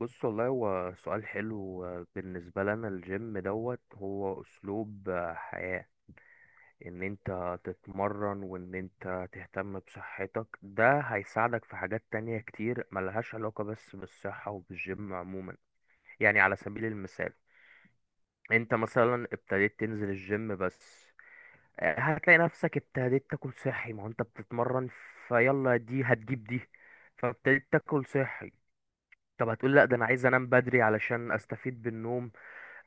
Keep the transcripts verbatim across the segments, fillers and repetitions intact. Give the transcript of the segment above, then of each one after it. بص والله، هو سؤال حلو. آه، بالنسبة لنا الجيم دوت هو أسلوب آه، حياة. إن أنت تتمرن وإن أنت تهتم بصحتك، ده هيساعدك في حاجات تانية كتير ملهاش علاقة بس بالصحة وبالجيم عموما. يعني على سبيل المثال، أنت مثلا ابتديت تنزل الجيم بس، آه، هتلاقي نفسك ابتديت تاكل صحي، ما هو أنت بتتمرن. فيلا دي هتجيب دي، فابتديت تاكل صحي. طب هتقول لا، ده انا عايز انام بدري علشان استفيد بالنوم،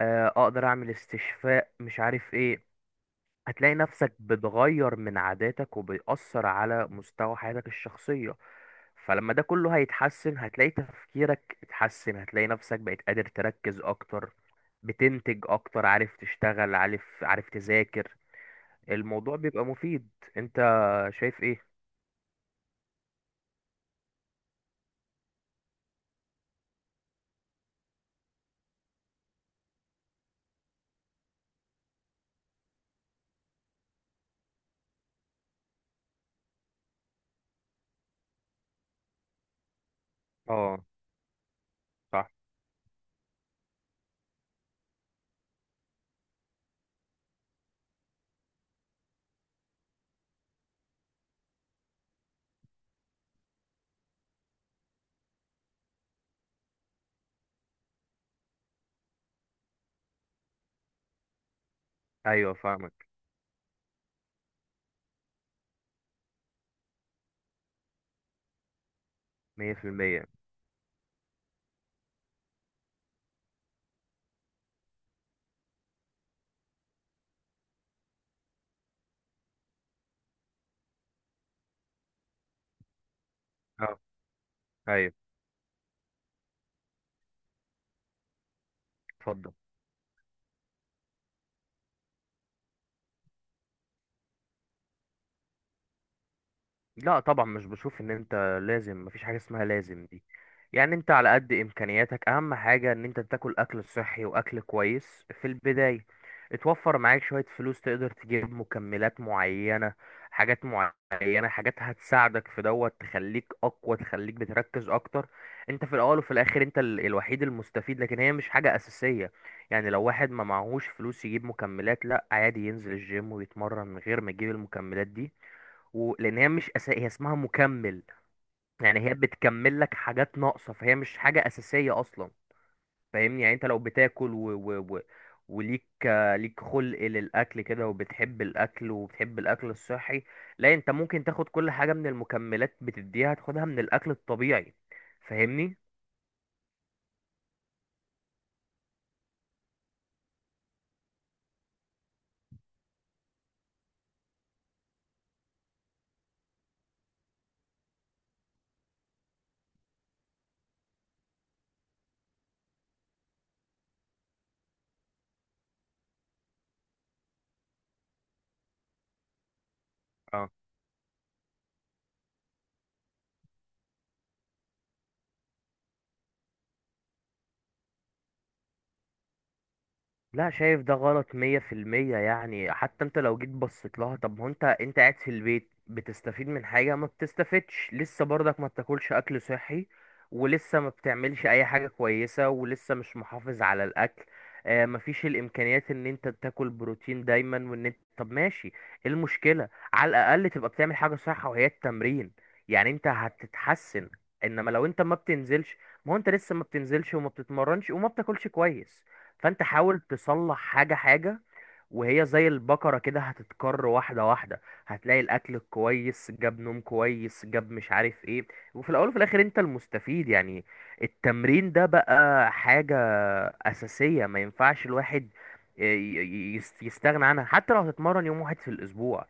آه، اقدر اعمل استشفاء مش عارف ايه. هتلاقي نفسك بتغير من عاداتك وبيأثر على مستوى حياتك الشخصية. فلما ده كله هيتحسن، هتلاقي تفكيرك اتحسن، هتلاقي نفسك بقيت قادر تركز اكتر، بتنتج اكتر، عارف تشتغل، عارف عارف تذاكر. الموضوع بيبقى مفيد. انت شايف ايه؟ اه، صح، ايوه فاهمك. مية في المية. اه، ايوه، اتفضل. لا طبعا، مش بشوف ان انت لازم. مفيش حاجه اسمها لازم دي. يعني انت على قد امكانياتك، اهم حاجه ان انت تاكل اكل صحي واكل كويس في البدايه. اتوفر معاك شويه فلوس، تقدر تجيب مكملات معينه، حاجات معينه، حاجات هتساعدك في دوت، تخليك اقوى، تخليك بتركز اكتر. انت في الاول وفي الاخر انت ال- الوحيد المستفيد، لكن هي مش حاجه اساسيه. يعني لو واحد ما معهوش فلوس يجيب مكملات، لا عادي ينزل الجيم ويتمرن من غير ما يجيب المكملات دي. و... لان هي مش أسا... هي اسمها مكمل. يعني هي بتكمل لك حاجات ناقصه، فهي مش حاجه اساسيه اصلا. فاهمني. يعني انت لو بتاكل و... و... و... وليك آه، ليك خلق للاكل كده، وبتحب الاكل وبتحب الاكل الصحي. لا انت ممكن تاخد كل حاجه من المكملات بتديها، تاخدها من الاكل الطبيعي. فاهمني. لا، شايف ده غلط مية في المية. يعني حتى انت لو جيت بصيت لها، طب ما هو انت انت قاعد في البيت، بتستفيد من حاجة؟ ما بتستفدش، لسه برضك ما بتاكلش أكل صحي، ولسه ما بتعملش أي حاجة كويسة، ولسه مش محافظ على الأكل. آه مفيش الإمكانيات إن انت تاكل بروتين دايما، وإن انت. طب ماشي، ايه المشكلة؟ على الأقل تبقى بتعمل حاجة صح، وهي التمرين. يعني انت هتتحسن. انما لو انت ما بتنزلش، ما هو انت لسه ما بتنزلش وما بتتمرنش وما بتاكلش كويس، فانت حاول تصلح حاجة حاجة. وهي زي البقرة كده هتتكر واحدة واحدة. هتلاقي الأكل كويس جاب، نوم كويس جاب، مش عارف ايه. وفي الأول وفي الآخر انت المستفيد يعني. التمرين ده بقى حاجة أساسية، ما ينفعش الواحد ي- ي- يس- يستغنى عنها، حتى لو هتتمرن يوم واحد في الأسبوع.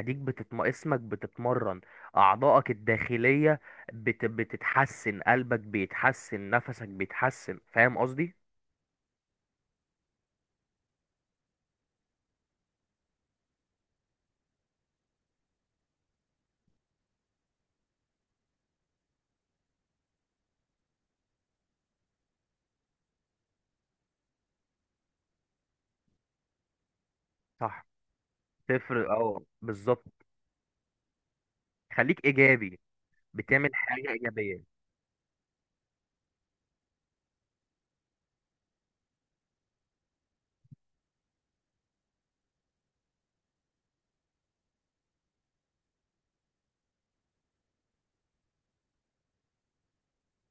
اديك بتتم... اسمك بتتمرن، اعضائك الداخلية بت... بتتحسن، قلبك بيتحسن، نفسك بيتحسن. فاهم قصدي؟ صح. تفرق، اه، بالظبط. خليك ايجابي. بتعمل حاجه ايجابيه.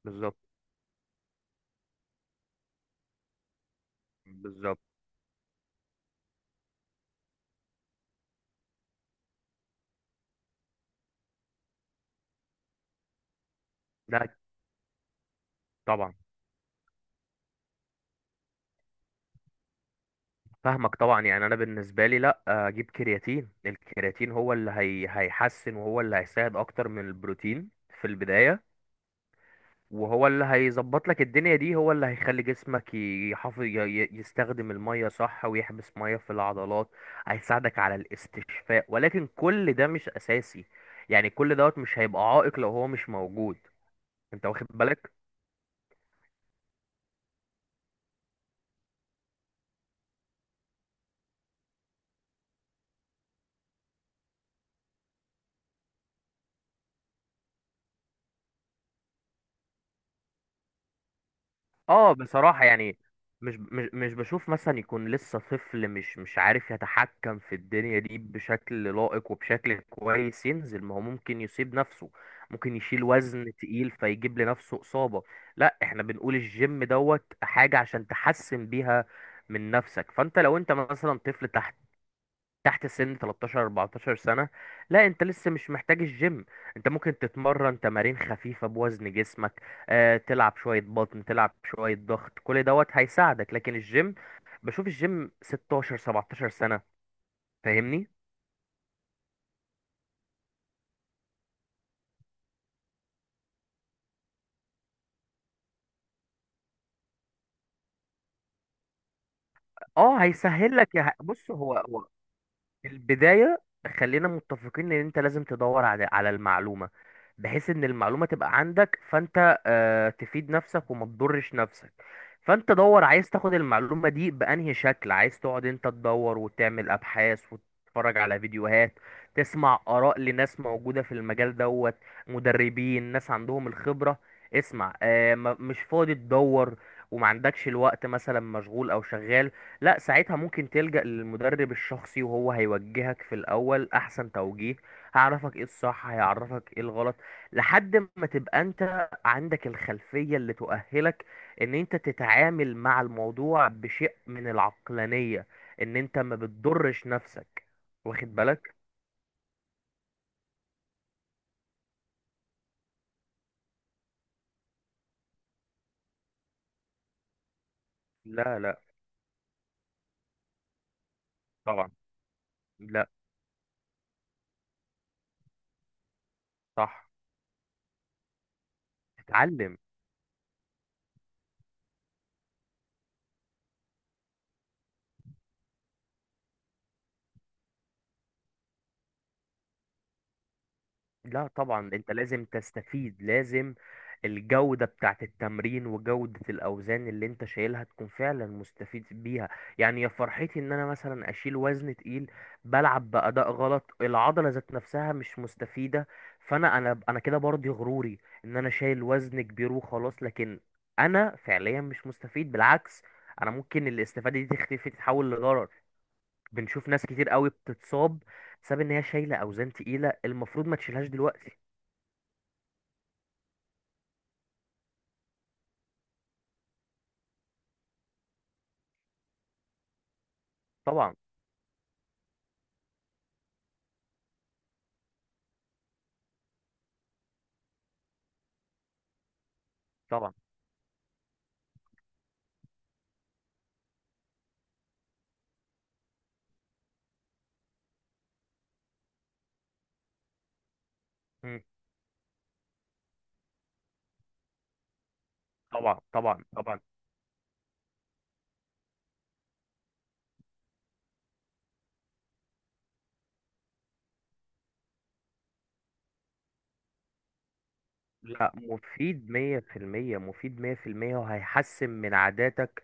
بالظبط، بالظبط. ده طبعا. فاهمك طبعا. يعني انا بالنسبه لي، لا اجيب كرياتين. الكرياتين هو اللي هي هيحسن، وهو اللي هيساعد اكتر من البروتين في البدايه. وهو اللي هيظبط لك الدنيا دي، هو اللي هيخلي جسمك يحافظ ي- ي- يستخدم الميه صح، ويحبس ميه في العضلات. هيساعدك على الاستشفاء، ولكن كل ده مش اساسي. يعني كل دوت مش هيبقى عائق لو هو مش موجود. انت واخد بالك. اه، بصراحة يعني مش مش مش بشوف مثلا يكون لسه طفل مش مش عارف يتحكم في الدنيا دي بشكل لائق وبشكل كويس، ينزل. ما هو ممكن يصيب نفسه، ممكن يشيل وزن تقيل فيجيب لنفسه إصابة. لا، احنا بنقول الجيم دوت حاجة عشان تحسن بيها من نفسك. فانت لو انت مثلا طفل تحت تحت سن تلتاشر اربعتاشر سنة، لا انت لسه مش محتاج الجيم. انت ممكن تتمرن تمارين خفيفة بوزن جسمك، اه تلعب شوية بطن، تلعب شوية ضغط، كل دوت هيساعدك، لكن الجيم بشوف الجيم ستة عشر سبعتاشر سنة. فاهمني. اه، هيسهل لك. يا بص، هو البداية. خلينا متفقين ان انت لازم تدور على على المعلومة، بحيث ان المعلومة تبقى عندك، فانت آه، تفيد نفسك وما تضرش نفسك. فانت دور، عايز تاخد المعلومة دي بأنهي شكل، عايز تقعد انت تدور وتعمل ابحاث وتتفرج على فيديوهات، تسمع آراء لناس موجودة في المجال دوت، مدربين، ناس عندهم الخبرة، اسمع. آه، ما- مش فاضي تدور وما عندكش الوقت، مثلا مشغول او شغال، لا ساعتها ممكن تلجأ للمدرب الشخصي، وهو هيوجهك في الأول أحسن توجيه. هيعرفك ايه الصح، هيعرفك ايه الغلط، لحد ما تبقى انت عندك الخلفية اللي تؤهلك ان انت تتعامل مع الموضوع بشيء من العقلانية، ان انت ما بتضرش نفسك. واخد بالك. لا لا طبعا. لا. صح. تتعلم. لا طبعا، انت لازم تستفيد. لازم. الجودة بتاعت التمرين وجودة الأوزان اللي انت شايلها تكون فعلا مستفيد بيها. يعني يا فرحتي ان انا مثلا اشيل وزن تقيل، بلعب بأداء غلط، العضلة ذات نفسها مش مستفيدة. فانا انا انا كده برضي غروري، ان انا شايل وزن كبير وخلاص، لكن انا فعليا مش مستفيد. بالعكس، انا ممكن الاستفادة دي تختفي تتحول لضرر. بنشوف ناس كتير قوي بتتصاب، بسبب ان هي شايله اوزان تقيله المفروض ما تشيلهاش دلوقتي. طبعا، طبعا. مم. طبعا، طبعا، طبعا. لا، مفيد مية في المية. مفيد مية في المية، وهيحسن من عاداتك،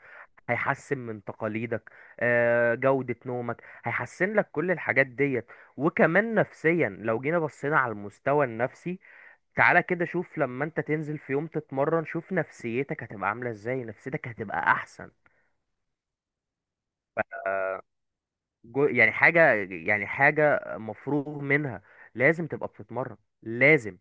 هيحسن من تقاليدك. آه، جودة نومك هيحسن لك كل الحاجات ديت. وكمان نفسيا، لو جينا بصينا على المستوى النفسي، تعالى كده شوف لما انت تنزل في يوم تتمرن، شوف نفسيتك هتبقى عاملة ازاي. نفسيتك هتبقى احسن. جو، يعني حاجة، يعني حاجة مفروغ منها. لازم تبقى بتتمرن. لازم.